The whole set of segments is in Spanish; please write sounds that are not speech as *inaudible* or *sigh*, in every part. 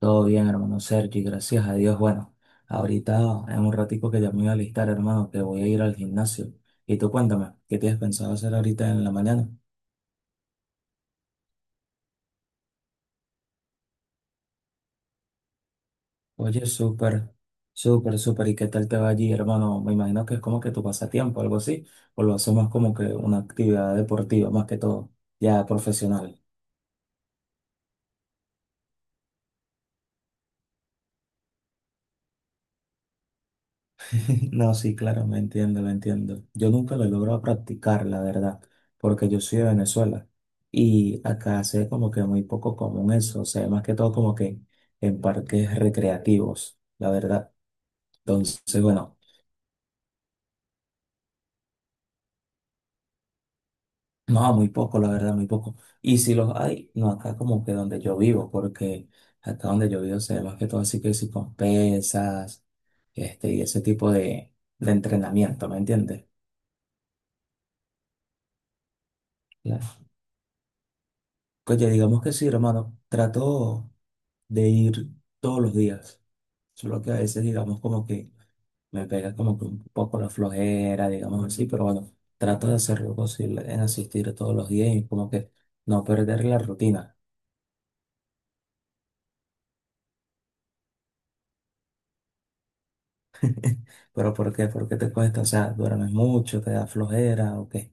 Todo bien, hermano Sergi, gracias a Dios. Bueno, ahorita en un ratico que ya me voy a alistar, hermano, que voy a ir al gimnasio. Y tú cuéntame, ¿qué tienes pensado hacer ahorita en la mañana? Oye, súper, súper, súper. ¿Y qué tal te va allí, hermano? Me imagino que es como que tu pasatiempo, algo así, o lo hacemos como que una actividad deportiva más que todo, ya profesional. *laughs* No, sí, claro, me entiendo, lo entiendo. Yo nunca lo he logrado practicar, la verdad, porque yo soy de Venezuela y acá se ve como que muy poco común eso, o sea, más que todo como que en parques recreativos, la verdad. Entonces, bueno, no, muy poco, la verdad, muy poco. Y si los hay, no acá como que donde yo vivo, porque acá donde yo vivo se ve más que todo así que si con pesas, y ese tipo de entrenamiento, ¿me entiendes? Claro. Oye, digamos que sí, hermano, trato de ir todos los días. Solo que a veces, digamos, como que me pega como que un poco la flojera, digamos así, pero bueno, trato de hacer lo posible en asistir todos los días y como que no perder la rutina. ¿Pero por qué? ¿Por qué te cuesta? O sea, ¿duermes mucho, te da flojera o qué?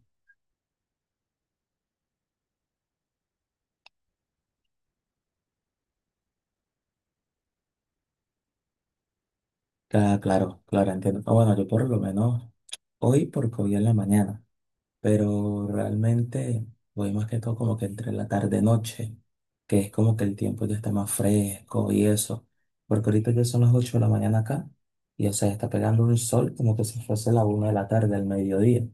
Ah, claro, claro, entiendo. Ah, bueno, yo por lo menos hoy, porque hoy en la mañana, pero realmente voy más que todo como que entre la tarde-noche, que es como que el tiempo ya está más fresco y eso, porque ahorita ya son las 8 de la mañana acá y, o sea, está pegando un sol como que si fuese la una de la tarde, al mediodía.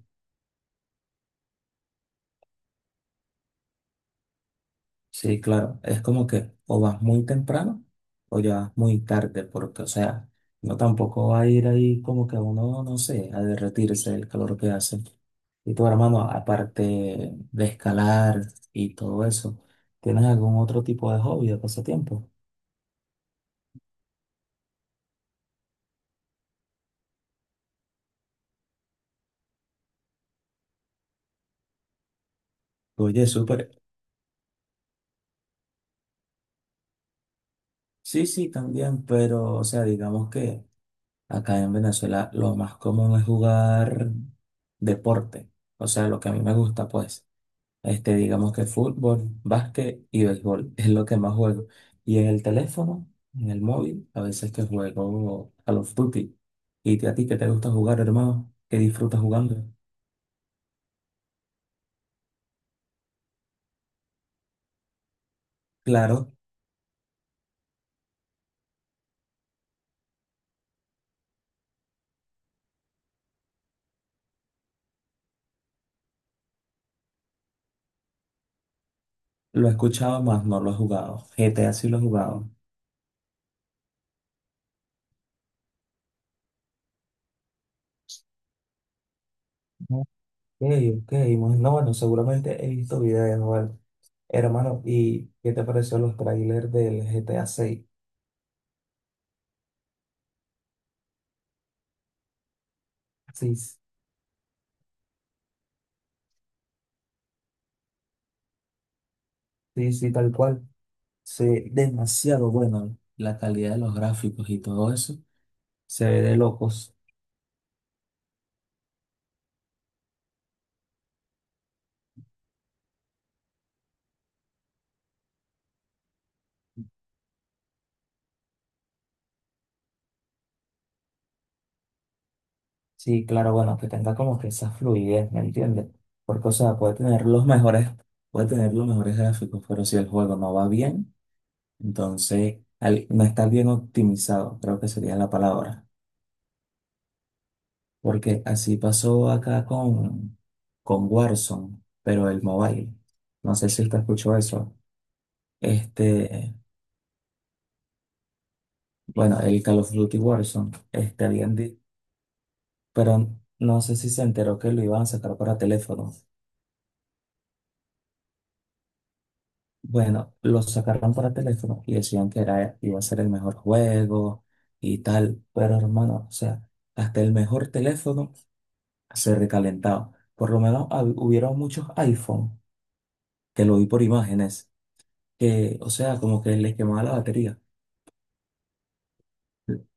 Sí, claro, es como que o vas muy temprano o ya vas muy tarde, porque, o sea, no tampoco va a ir ahí como que uno, no sé, a derretirse el calor que hace. Y tu hermano, aparte de escalar y todo eso, ¿tienes algún otro tipo de hobby o pasatiempo? Oye, súper. Sí, sí, también, pero, o sea, digamos que acá en Venezuela lo más común es jugar deporte, o sea, lo que a mí me gusta, pues. Digamos que fútbol, básquet y béisbol es lo que más juego. Y en el teléfono, en el móvil, a veces que juego Call of Duty. ¿Y a ti qué te gusta jugar, hermano? ¿Qué disfrutas jugando? Claro, lo he escuchado más, no lo he jugado. GTA sí lo he jugado. Ok, ok, no, bueno, seguramente he visto videos, bueno. Hermano, ¿y qué te pareció los trailers del GTA 6? Sí, sí, sí, tal cual. Sí, demasiado bueno. La calidad de los gráficos y todo eso. Se ve de locos. Sí, claro, bueno, que tenga como que esa fluidez, ¿me entiendes? Porque, o sea, puede tener los mejores, puede tener los mejores gráficos, pero si el juego no va bien, entonces no está bien optimizado, creo que sería la palabra. Porque así pasó acá con Warzone, pero el mobile. No sé si usted escuchó eso. Este, bueno, el Call of Duty Warzone, pero no sé si se enteró que lo iban a sacar para teléfono. Bueno, lo sacaron para teléfono y decían que era, iba a ser el mejor juego y tal, pero hermano, o sea, hasta el mejor teléfono se recalentaba. Por lo menos hubieron muchos iPhone, que lo vi por imágenes, que, o sea, como que les quemaba la batería.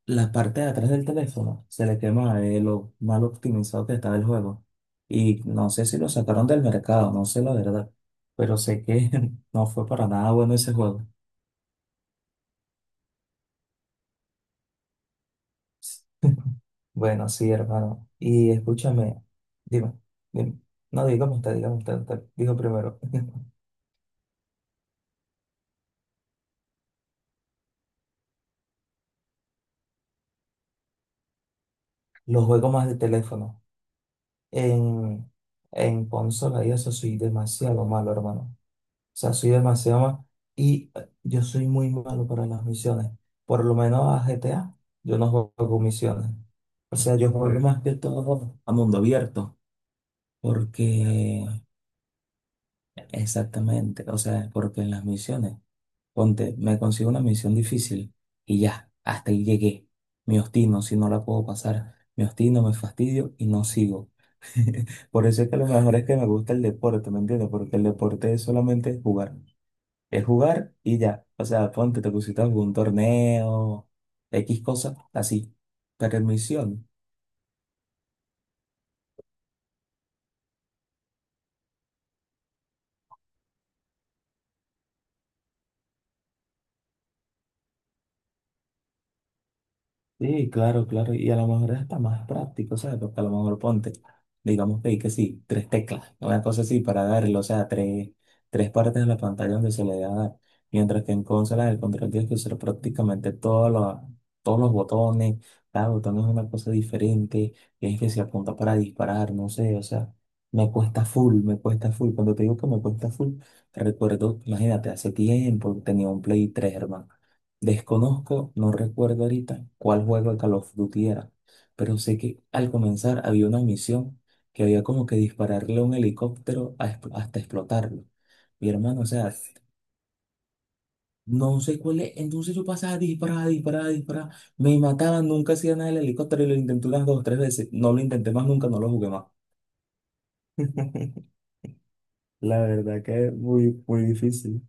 La parte de atrás del teléfono se le quemaba de lo mal optimizado que estaba el juego. Y no sé si lo sacaron del mercado, no sé la verdad, pero sé que *laughs* no fue para nada bueno ese juego. *laughs* Bueno, sí, hermano. Y escúchame, dime, dime. No, dígame usted, usted. Digo primero. *laughs* Los juegos más de teléfono. En, en consola y eso soy demasiado malo, hermano. O sea, soy demasiado malo. Y yo soy muy malo para las misiones. Por lo menos a GTA, yo no juego misiones. O sea, yo juego más que todo a mundo abierto. Porque, exactamente, o sea, porque en las misiones. Ponte, me consigo una misión difícil y ya, hasta ahí llegué. Me obstino si no la puedo pasar. Me obstino, me fastidio y no sigo. *laughs* Por eso es que lo mejor es que me gusta el deporte, ¿me entiendes? Porque el deporte es solamente jugar. Es jugar y ya. O sea, ponte, te pusiste algún torneo, X cosas, así. Pero en misión. Sí, claro, claro. Y a lo mejor es hasta más práctico, ¿sabes? Porque a lo mejor ponte, digamos que hay que sí, tres teclas, una cosa así para darle, o sea, tres, tres partes de la pantalla donde se le da a dar. Mientras que en consola el control tienes que usar prácticamente todos los botones, cada botón es una cosa diferente, tienes que se apunta para disparar, no sé, o sea, me cuesta full, me cuesta full. Cuando te digo que me cuesta full, recuerdo, imagínate, hace tiempo tenía un Play 3, hermano. Desconozco, no recuerdo ahorita cuál juego de Call of Duty era, pero sé que al comenzar había una misión que había como que dispararle a un helicóptero a hasta explotarlo. Mi hermano, o sea, no sé cuál es. Entonces yo pasaba disparada, disparada, disparada. Me mataban, nunca hacía nada el helicóptero y lo intenté unas dos o tres veces. No lo intenté más nunca, no lo jugué más. *laughs* La verdad que es muy, muy difícil.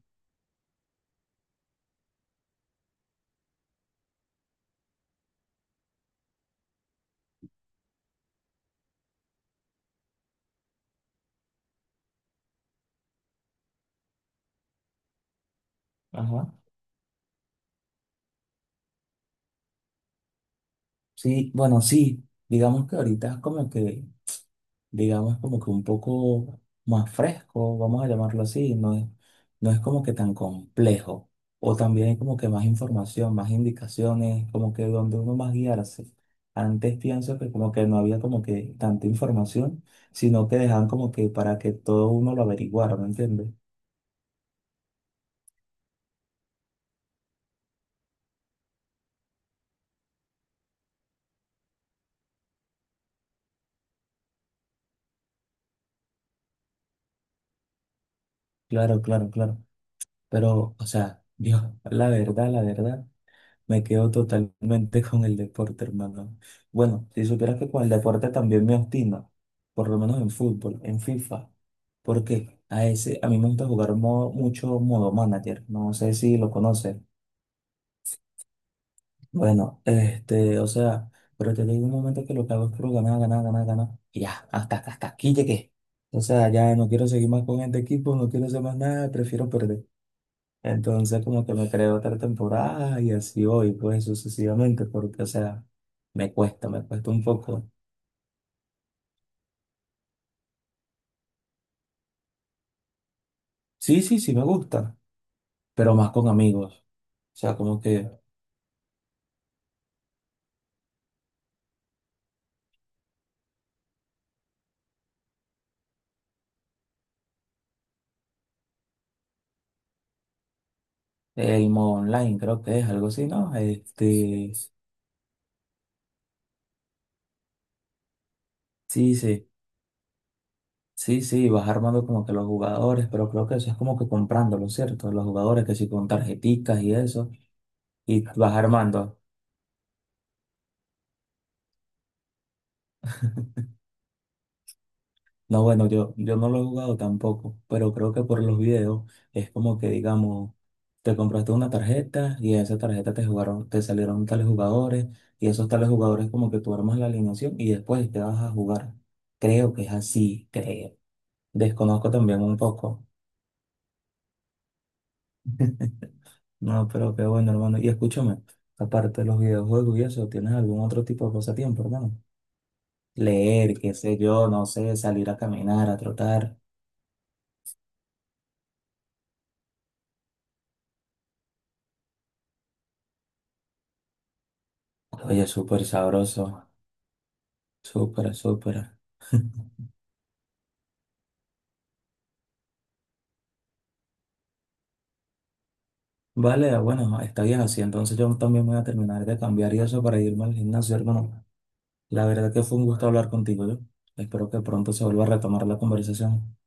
Ajá. Sí, bueno, sí, digamos que ahorita como que digamos, como que un poco más fresco, vamos a llamarlo así, no es como que tan complejo. O también hay como que más información, más indicaciones, como que donde uno más guiarse. Antes pienso que como que no había como que tanta información, sino que dejaban como que para que todo uno lo averiguara, ¿me entiendes? Claro, claro, claro. Pero, o sea, *laughs* yo, la verdad, la verdad. Me quedo totalmente con el deporte, hermano. Bueno, si supieras que con el deporte también me obstino, por lo menos en fútbol, en FIFA, porque a ese, a mí me gusta jugar mucho modo manager, no sé si lo conoces. Bueno, o sea, pero te digo un momento que lo que hago es puro ganar, ganar, ganar, ganar, y ya, hasta, hasta aquí llegué. O sea, ya no quiero seguir más con este equipo, no quiero hacer más nada, prefiero perder. Entonces como que me creo otra temporada y así voy, pues sucesivamente, porque o sea, me cuesta un poco. Sí, sí, sí me gusta, pero más con amigos. O sea, como que el modo online creo que es algo así, ¿no? Sí, sí, sí, sí, vas armando como que los jugadores, pero creo que eso es como que comprándolo, ¿cierto? Los jugadores que sí con tarjeticas y eso, y vas armando. No, bueno, yo no lo he jugado tampoco, pero creo que por los videos es como que, digamos, te compraste una tarjeta y en esa tarjeta te jugaron, te salieron tales jugadores y esos tales jugadores como que tú armas la alineación y después te vas a jugar. Creo que es así, creo. Desconozco también un poco. No, pero qué bueno, hermano. Y escúchame, aparte de los videojuegos y eso, ¿tienes algún otro tipo de pasatiempo, hermano? Leer, qué sé yo, no sé, salir a caminar, a trotar. Oye, súper sabroso, súper, súper. Vale, ah, bueno, está bien así. Entonces yo también voy a terminar de cambiar y eso para irme al gimnasio, hermano. La verdad que fue un gusto hablar contigo, yo. Espero que pronto se vuelva a retomar la conversación.